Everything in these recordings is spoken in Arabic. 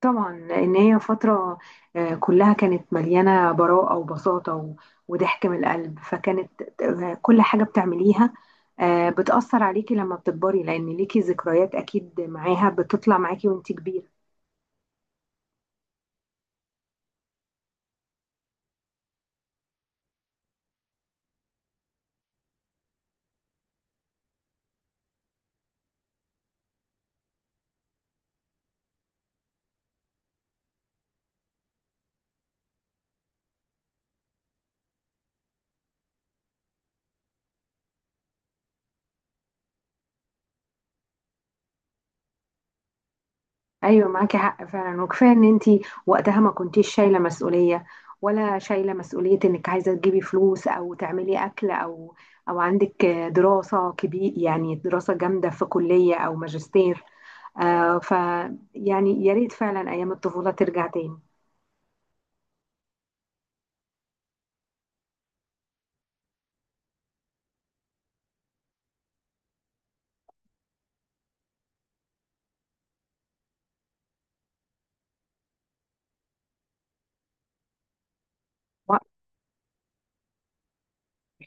طبعا لان هي فتره، كلها كانت مليانه براءه وبساطه وضحك من القلب. فكانت كل حاجه بتعمليها بتاثر عليكي لما بتكبري، لان ليكي ذكريات اكيد معاها بتطلع معاكي وانت كبيره. ايوه، معاكي حق فعلا. وكفايه ان انت وقتها ما كنتيش شايله مسؤوليه، ولا شايله مسؤوليه انك عايزه تجيبي فلوس او تعملي اكل، او او عندك دراسه كبير، يعني دراسه جامده في كليه او ماجستير. آه ف يعني يا ريت فعلا ايام الطفوله ترجع تاني. و-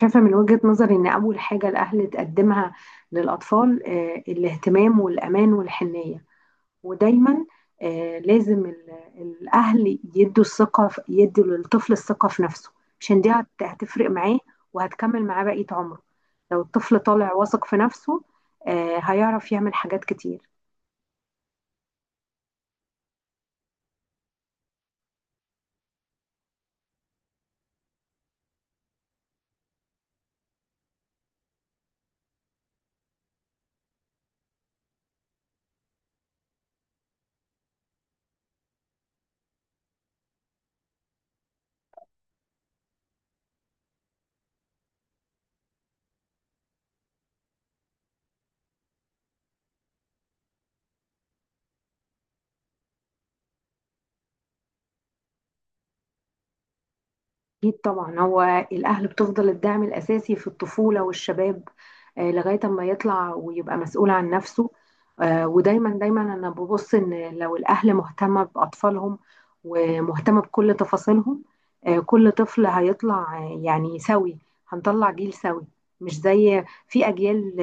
شايفه من وجهه نظري ان اول حاجه الاهل تقدمها للاطفال الاهتمام والامان والحنيه. ودايما لازم الاهل يدوا الثقه يدوا للطفل الثقه في نفسه، عشان دي هتفرق معاه وهتكمل معاه بقيه عمره. لو الطفل طالع واثق في نفسه، هيعرف يعمل حاجات كتير. أكيد طبعا، هو الأهل بتفضل الدعم الأساسي في الطفولة والشباب، لغاية أما يطلع ويبقى مسؤول عن نفسه. ودايما دايما أنا ببص إن لو الأهل مهتمة بأطفالهم ومهتمة بكل تفاصيلهم، كل طفل هيطلع، يعني سوي. هنطلع جيل سوي، مش زي في أجيال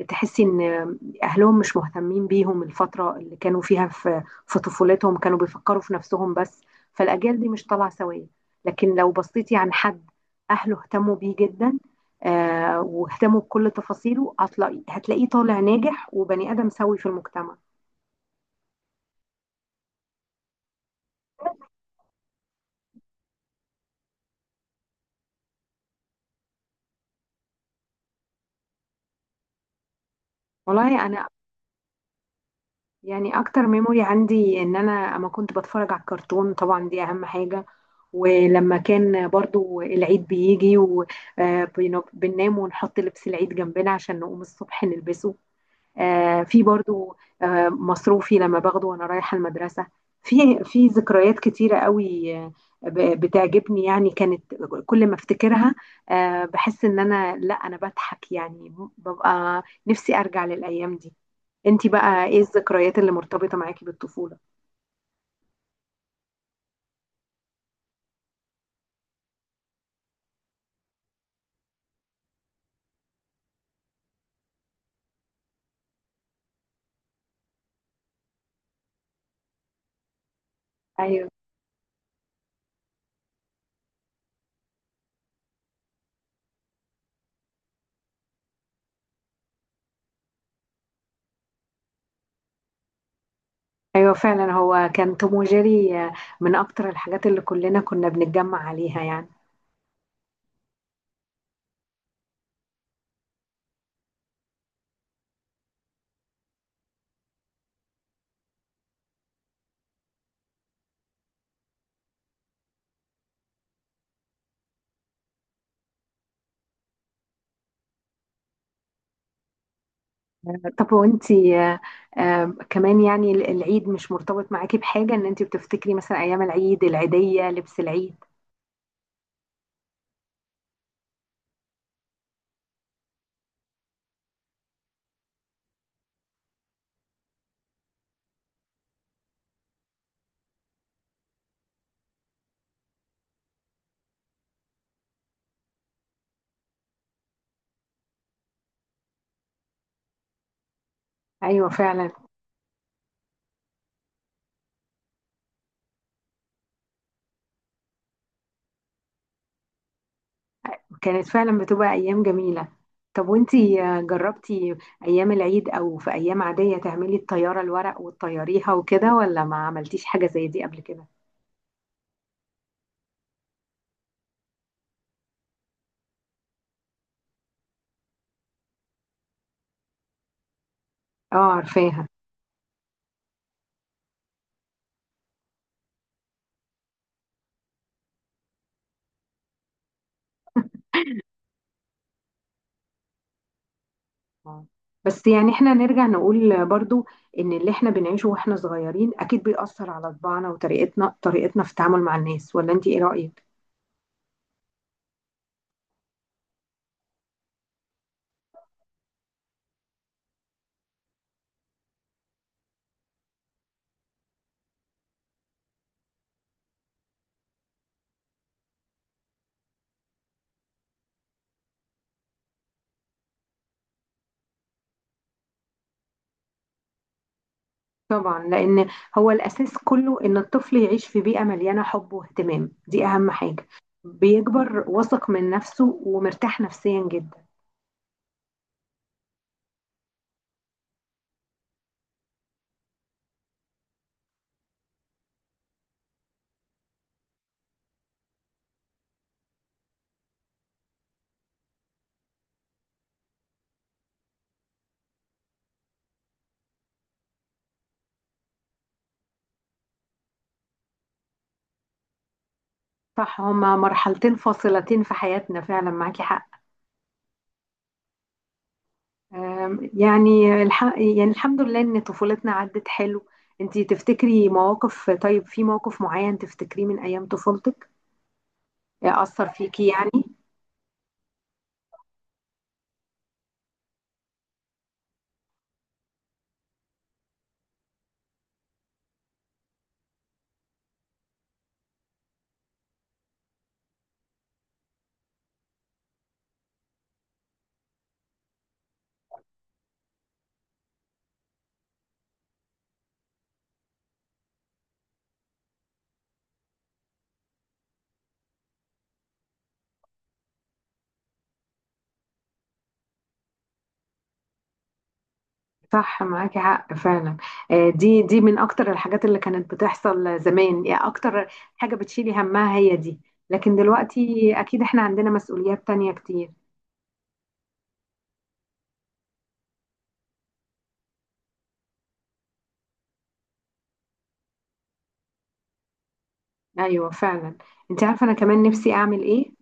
تحسي إن أهلهم مش مهتمين بيهم. الفترة اللي كانوا فيها في طفولتهم كانوا بيفكروا في نفسهم بس، فالأجيال دي مش طالعة سوية. لكن لو بصيتي عن حد اهله اهتموا بيه جدا واهتموا بكل تفاصيله، هتلاقي هتلاقيه طالع ناجح وبني ادم سوي في المجتمع. والله انا يعني اكتر ميموري عندي ان انا اما كنت بتفرج على الكرتون، طبعا دي اهم حاجه. ولما كان برضو العيد بيجي، وبننام ونحط لبس العيد جنبنا عشان نقوم الصبح نلبسه. في برضو مصروفي لما باخده وانا رايحة المدرسة. في في ذكريات كتيرة قوي بتعجبني. يعني كانت كل ما افتكرها بحس ان انا، لا انا بضحك، يعني ببقى نفسي ارجع للايام دي. انتي بقى ايه الذكريات اللي مرتبطة معاكي بالطفولة؟ ايوه، ايوه فعلا، هو كان توم وجيري، من اكتر الحاجات اللي كلنا كنا بنتجمع عليها يعني. طب وانتي، كمان يعني العيد مش مرتبط معاكي بحاجة، ان انتي بتفتكري مثلا ايام العيد، العيدية، لبس العيد؟ ايوه فعلا، كانت فعلا بتبقى ايام جميلة. طب وانتي جربتي ايام العيد او في ايام عادية تعملي الطيارة الورق وتطيريها وكده، ولا ما عملتيش حاجة زي دي قبل كده؟ اه، عارفاها. آه. بس يعني احنا نرجع نقول برضو ان اللي احنا بنعيشه واحنا صغيرين اكيد بيأثر على طباعنا وطريقتنا، في التعامل مع الناس، ولا انتي ايه رأيك؟ طبعا، لان هو الاساس كله ان الطفل يعيش في بيئه مليانه حب واهتمام، دي اهم حاجه. بيكبر واثق من نفسه ومرتاح نفسيا جدا. صح، هما مرحلتين فاصلتين في حياتنا فعلا، معاكي حق. يعني يعني الحمد لله ان طفولتنا عدت حلو. انتي تفتكري مواقف؟ طيب، في موقف معين تفتكريه من ايام طفولتك اثر فيكي يعني؟ صح، معاكي حق فعلا. دي من اكتر الحاجات اللي كانت بتحصل زمان، يعني اكتر حاجة بتشيلي همها هي دي. لكن دلوقتي اكيد احنا عندنا مسؤوليات تانية كتير. ايوه فعلا. انت عارفة انا كمان نفسي اعمل ايه؟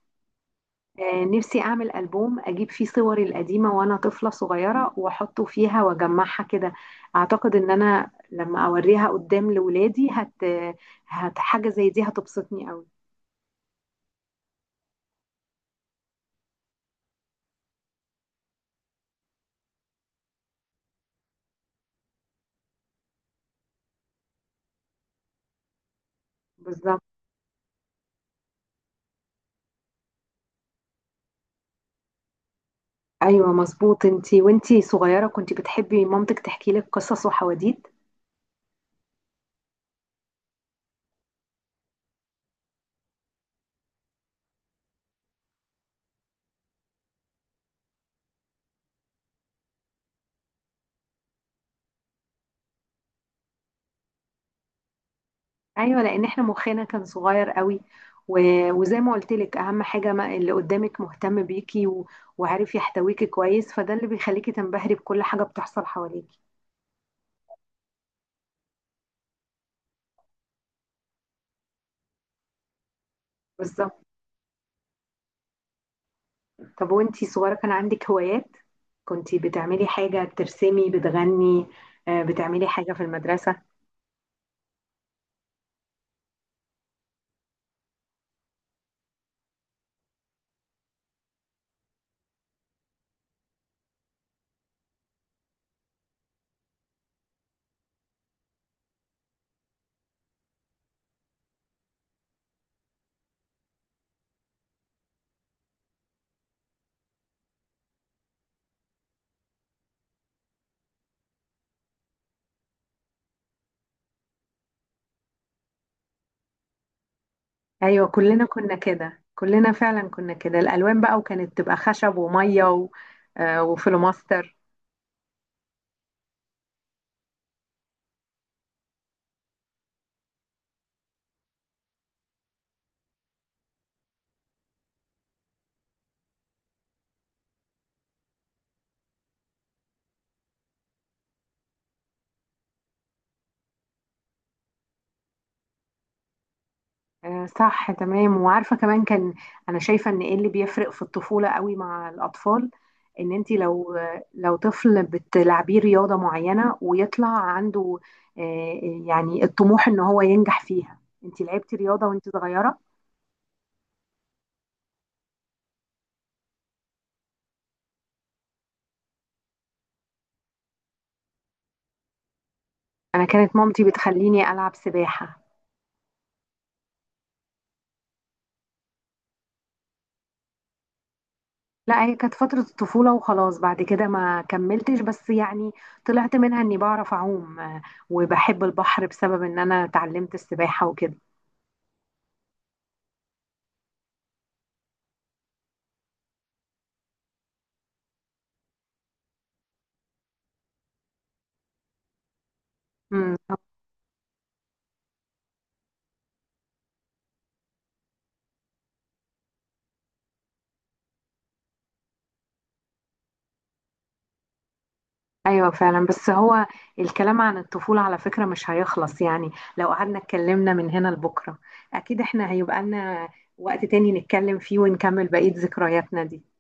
نفسي اعمل البوم اجيب فيه صوري القديمة وانا طفلة صغيرة، واحطه فيها واجمعها كده. اعتقد ان انا لما اوريها قدام لولادي هت هت حاجة زي دي هتبسطني قوي. بالظبط. ايوه مظبوط. انتي وانتي صغيره كنت بتحبي مامتك تحكي لك قصص وحواديت؟ ايوه، لان احنا مخنا كان صغير قوي. و... وزي ما قلت لك، اهم حاجه ما اللي قدامك مهتم بيكي و... وعارف يحتويكي كويس. فده اللي بيخليكي تنبهري بكل حاجه بتحصل حواليكي. بالظبط. طب وانتي صغيره كان عندك هوايات؟ كنتي بتعملي حاجه؟ بترسمي؟ بتغني؟ بتعملي حاجه في المدرسه؟ ايوه كلنا كنا كده، كلنا فعلا كنا كده. الالوان بقى، وكانت تبقى خشب وميه و... وفلوماستر صح تمام. وعارفه كمان كان، انا شايفه ان ايه اللي بيفرق في الطفوله قوي مع الاطفال، ان انت لو طفل بتلعبيه رياضه معينه ويطلع عنده آه، يعني الطموح ان هو ينجح فيها. انت لعبتي رياضه وانت صغيره؟ انا كانت مامتي بتخليني العب سباحه. لا هي كانت فترة الطفولة وخلاص، بعد كده ما كملتش. بس يعني طلعت منها اني بعرف اعوم، وبحب البحر بسبب ان انا اتعلمت السباحة وكده. مم. ايوه فعلا. بس هو الكلام عن الطفولة على فكرة مش هيخلص يعني، لو قعدنا اتكلمنا من هنا لبكرة. اكيد احنا هيبقى لنا وقت تاني نتكلم فيه ونكمل بقية ذكرياتنا دي.